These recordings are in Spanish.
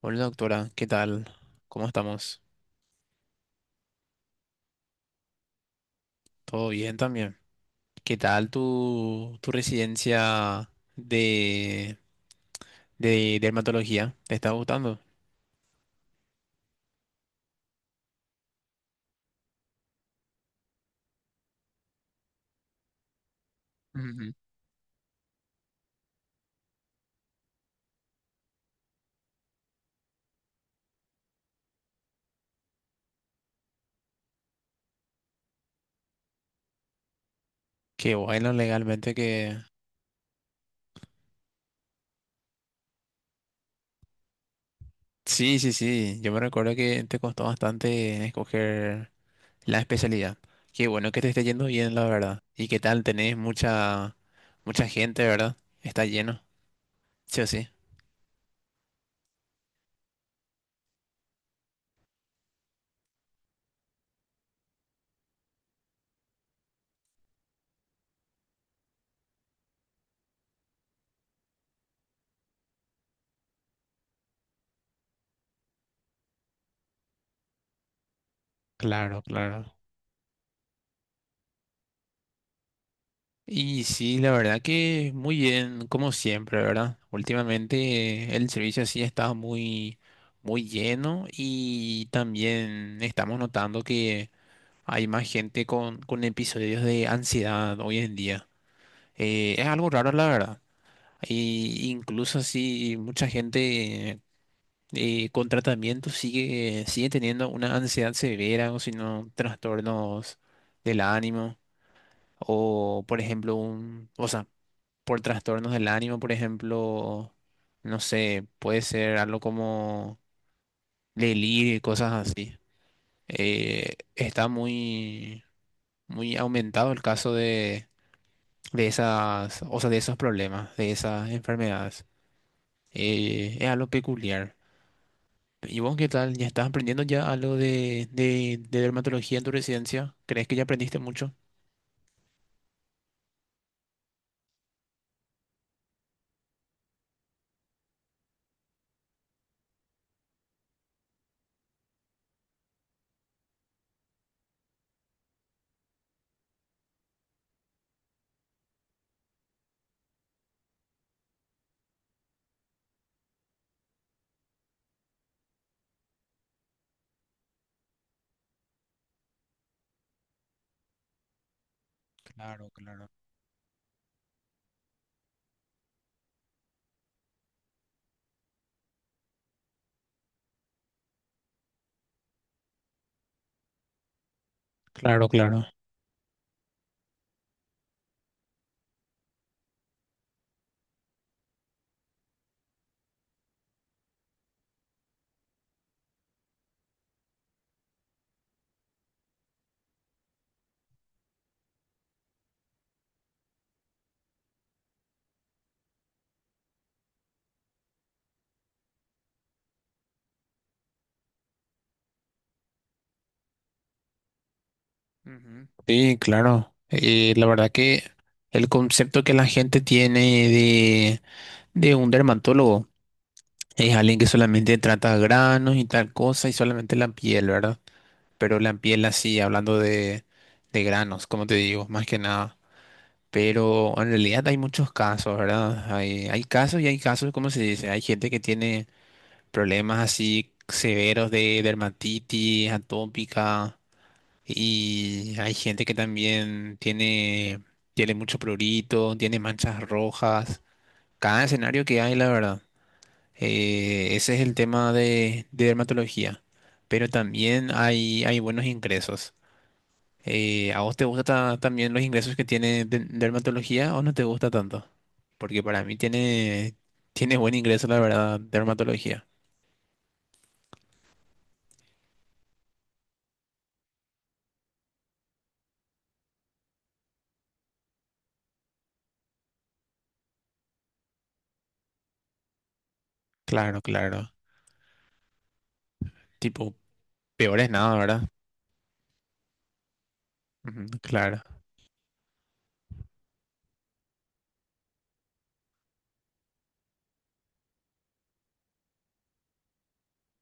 Hola doctora, ¿qué tal? ¿Cómo estamos? ¿Todo bien también? ¿Qué tal tu residencia de dermatología? ¿Te está gustando? Ujú. Qué bueno legalmente que... Sí, sí, sí, yo me recuerdo que te costó bastante escoger la especialidad. Qué bueno que te esté yendo bien, la verdad. ¿Y qué tal? Tenés mucha, mucha gente, ¿verdad? Está lleno, sí o sí. Claro, claro. Y sí, la verdad que muy bien, como siempre, ¿verdad? Últimamente el servicio sí está muy, muy lleno y también estamos notando que hay más gente con episodios de ansiedad hoy en día. Es algo raro, la verdad. Y incluso así mucha gente con tratamiento sigue teniendo una ansiedad severa o si no, trastornos del ánimo. O, por ejemplo, un, o sea, por trastornos del ánimo, por ejemplo, no sé, puede ser algo como delirio y cosas así. Está muy, muy aumentado el caso de esas, o sea, de esos problemas, de esas enfermedades. Es algo peculiar. ¿Y vos qué tal? ¿Ya estás aprendiendo ya algo de dermatología en tu residencia? ¿Crees que ya aprendiste mucho? Claro, claro. Claro, claro. Ujú. Sí, claro. La verdad que el concepto que la gente tiene de, de un dermatólogo es alguien que solamente trata granos y tal cosa y solamente la piel, ¿verdad? Pero la piel así, hablando de granos, como te digo, más que nada. Pero en realidad hay muchos casos, ¿verdad? Hay casos y hay casos, ¿cómo se dice? Hay gente que tiene problemas así severos de dermatitis atópica y hay gente que también tiene, tiene mucho prurito, tiene manchas rojas. Cada escenario que hay, la verdad. Ese es el tema de dermatología. Pero también hay buenos ingresos. ¿A vos te gustan ta- también los ingresos que tiene de- dermatología o no te gusta tanto? Porque para mí tiene, tiene buen ingreso, la verdad, dermatología. Claro, claro. Tipo, peor es nada, ¿verdad? Ujú, claro.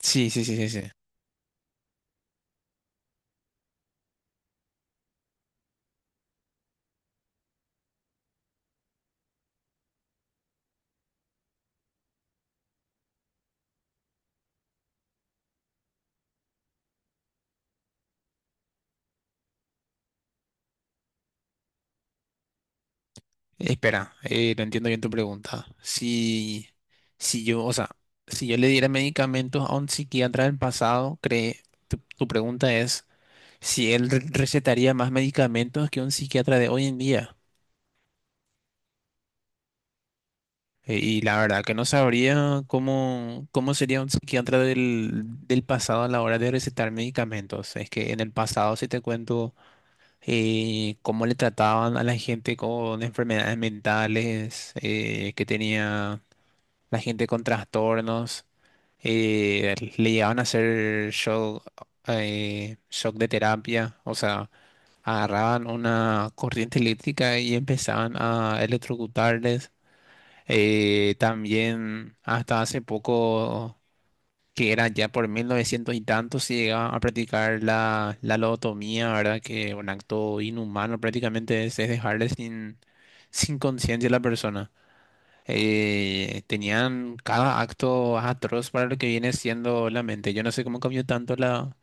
Sí, sí, sí, sí, sí. Espera, no entiendo bien tu pregunta. Si, si yo, o sea, si yo le diera medicamentos a un psiquiatra del pasado, cree, tu pregunta es si él re- recetaría más medicamentos que un psiquiatra de hoy en día. Y la verdad que no sabría cómo, cómo sería un psiquiatra del, del pasado a la hora de recetar medicamentos. Es que en el pasado, si te cuento cómo le trataban a la gente con enfermedades mentales, que tenía la gente con trastornos, le llegaban a hacer shock, shock de terapia, o sea, agarraban una corriente eléctrica y empezaban a electrocutarles. También hasta hace poco, que era ya por 1900 y tantos se llegaba a practicar la, la lobotomía, ¿verdad? Que un acto inhumano prácticamente es dejarle sin, sin conciencia a la persona tenían cada acto atroz para lo que viene siendo la mente. Yo no sé cómo cambió tanto la,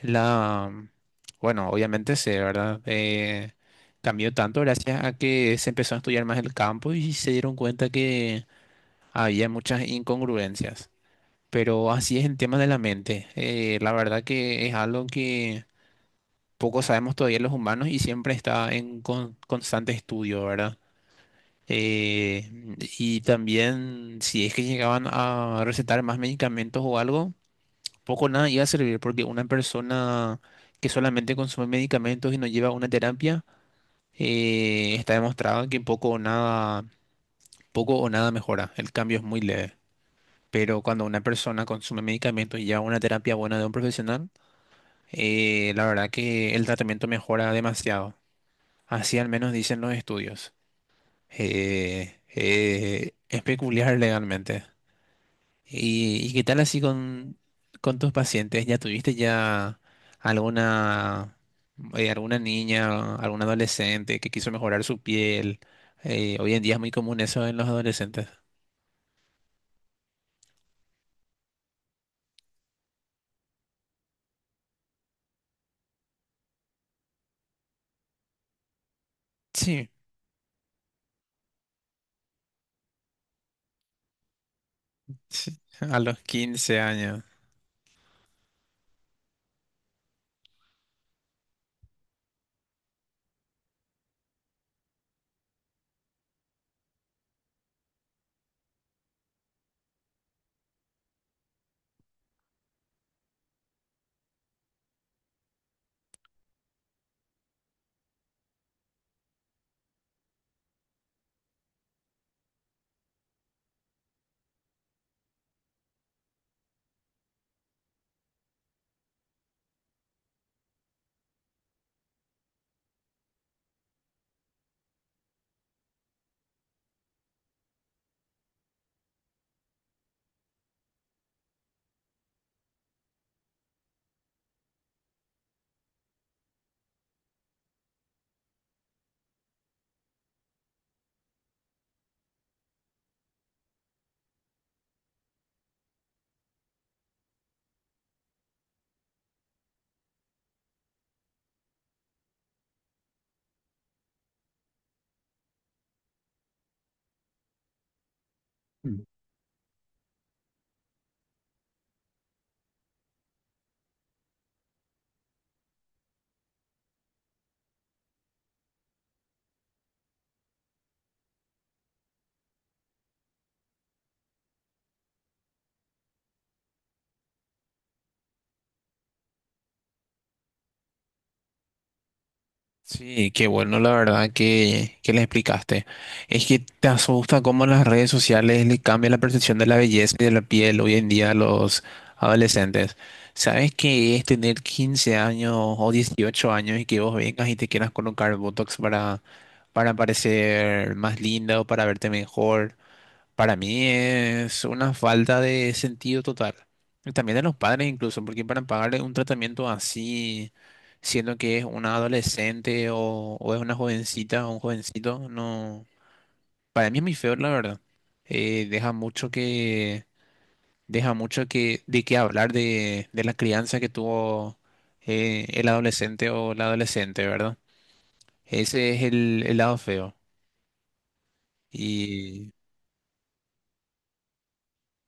la, bueno, obviamente sé, ¿verdad? Cambió tanto gracias a que se empezó a estudiar más el campo y se dieron cuenta que había muchas incongruencias. Pero así es el tema de la mente. La verdad que es algo que poco sabemos todavía los humanos y siempre está en con- constante estudio, ¿verdad? Eh, y también, si es que llegaban a recetar más medicamentos o algo, poco o nada iba a servir, porque una persona que solamente consume medicamentos y no lleva una terapia, está demostrado que poco o nada mejora. El cambio es muy leve. Pero cuando una persona consume medicamentos y lleva una terapia buena de un profesional, la verdad que el tratamiento mejora demasiado. Así al menos dicen los estudios. Es peculiar legalmente. Y qué tal así con tus pacientes? ¿Ya tuviste ya alguna, alguna niña, algún adolescente que quiso mejorar su piel? Hoy en día es muy común eso en los adolescentes. Sí, sí, a los 15 años. Sí, qué bueno, la verdad que le explicaste. Es que te asusta cómo las redes sociales le cambian la percepción de la belleza y de la piel hoy en día a los adolescentes. ¿Sabes qué es tener 15 años o 18 años y que vos vengas y te quieras colocar Botox para parecer más linda o para verte mejor? Para mí es una falta de sentido total. Y también de los padres incluso, porque para pagarle un tratamiento así, siendo que es una adolescente o es una jovencita o un jovencito, no. Para mí es muy feo, la verdad. Deja mucho que, deja mucho que, de qué hablar de la crianza que tuvo el adolescente o la adolescente, ¿verdad? Ese es el lado feo. Y,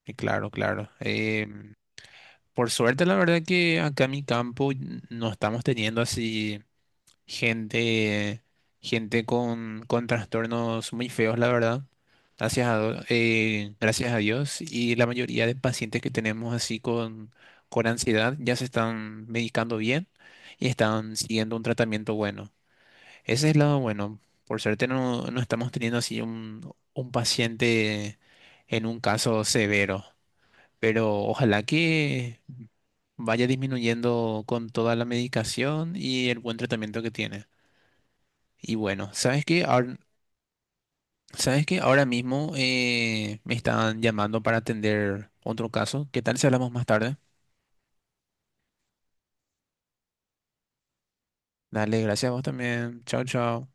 y claro, claro. Por suerte, la verdad que acá en mi campo n- no estamos teniendo así gente, gente con trastornos muy feos, la verdad. Gracias a, do- gracias a Dios. Y la mayoría de pacientes que tenemos así con ansiedad ya se están medicando bien y están siguiendo un tratamiento bueno. Ese es el lado bueno. Por suerte no, no estamos teniendo así un paciente en un caso severo. Pero ojalá que vaya disminuyendo con toda la medicación y el buen tratamiento que tiene. Y bueno, ¿sabes qué? Ahora, ¿sabes qué? Ahora mismo me están llamando para atender otro caso. ¿Qué tal si hablamos más tarde? Dale, gracias a vos también. Chao, chao.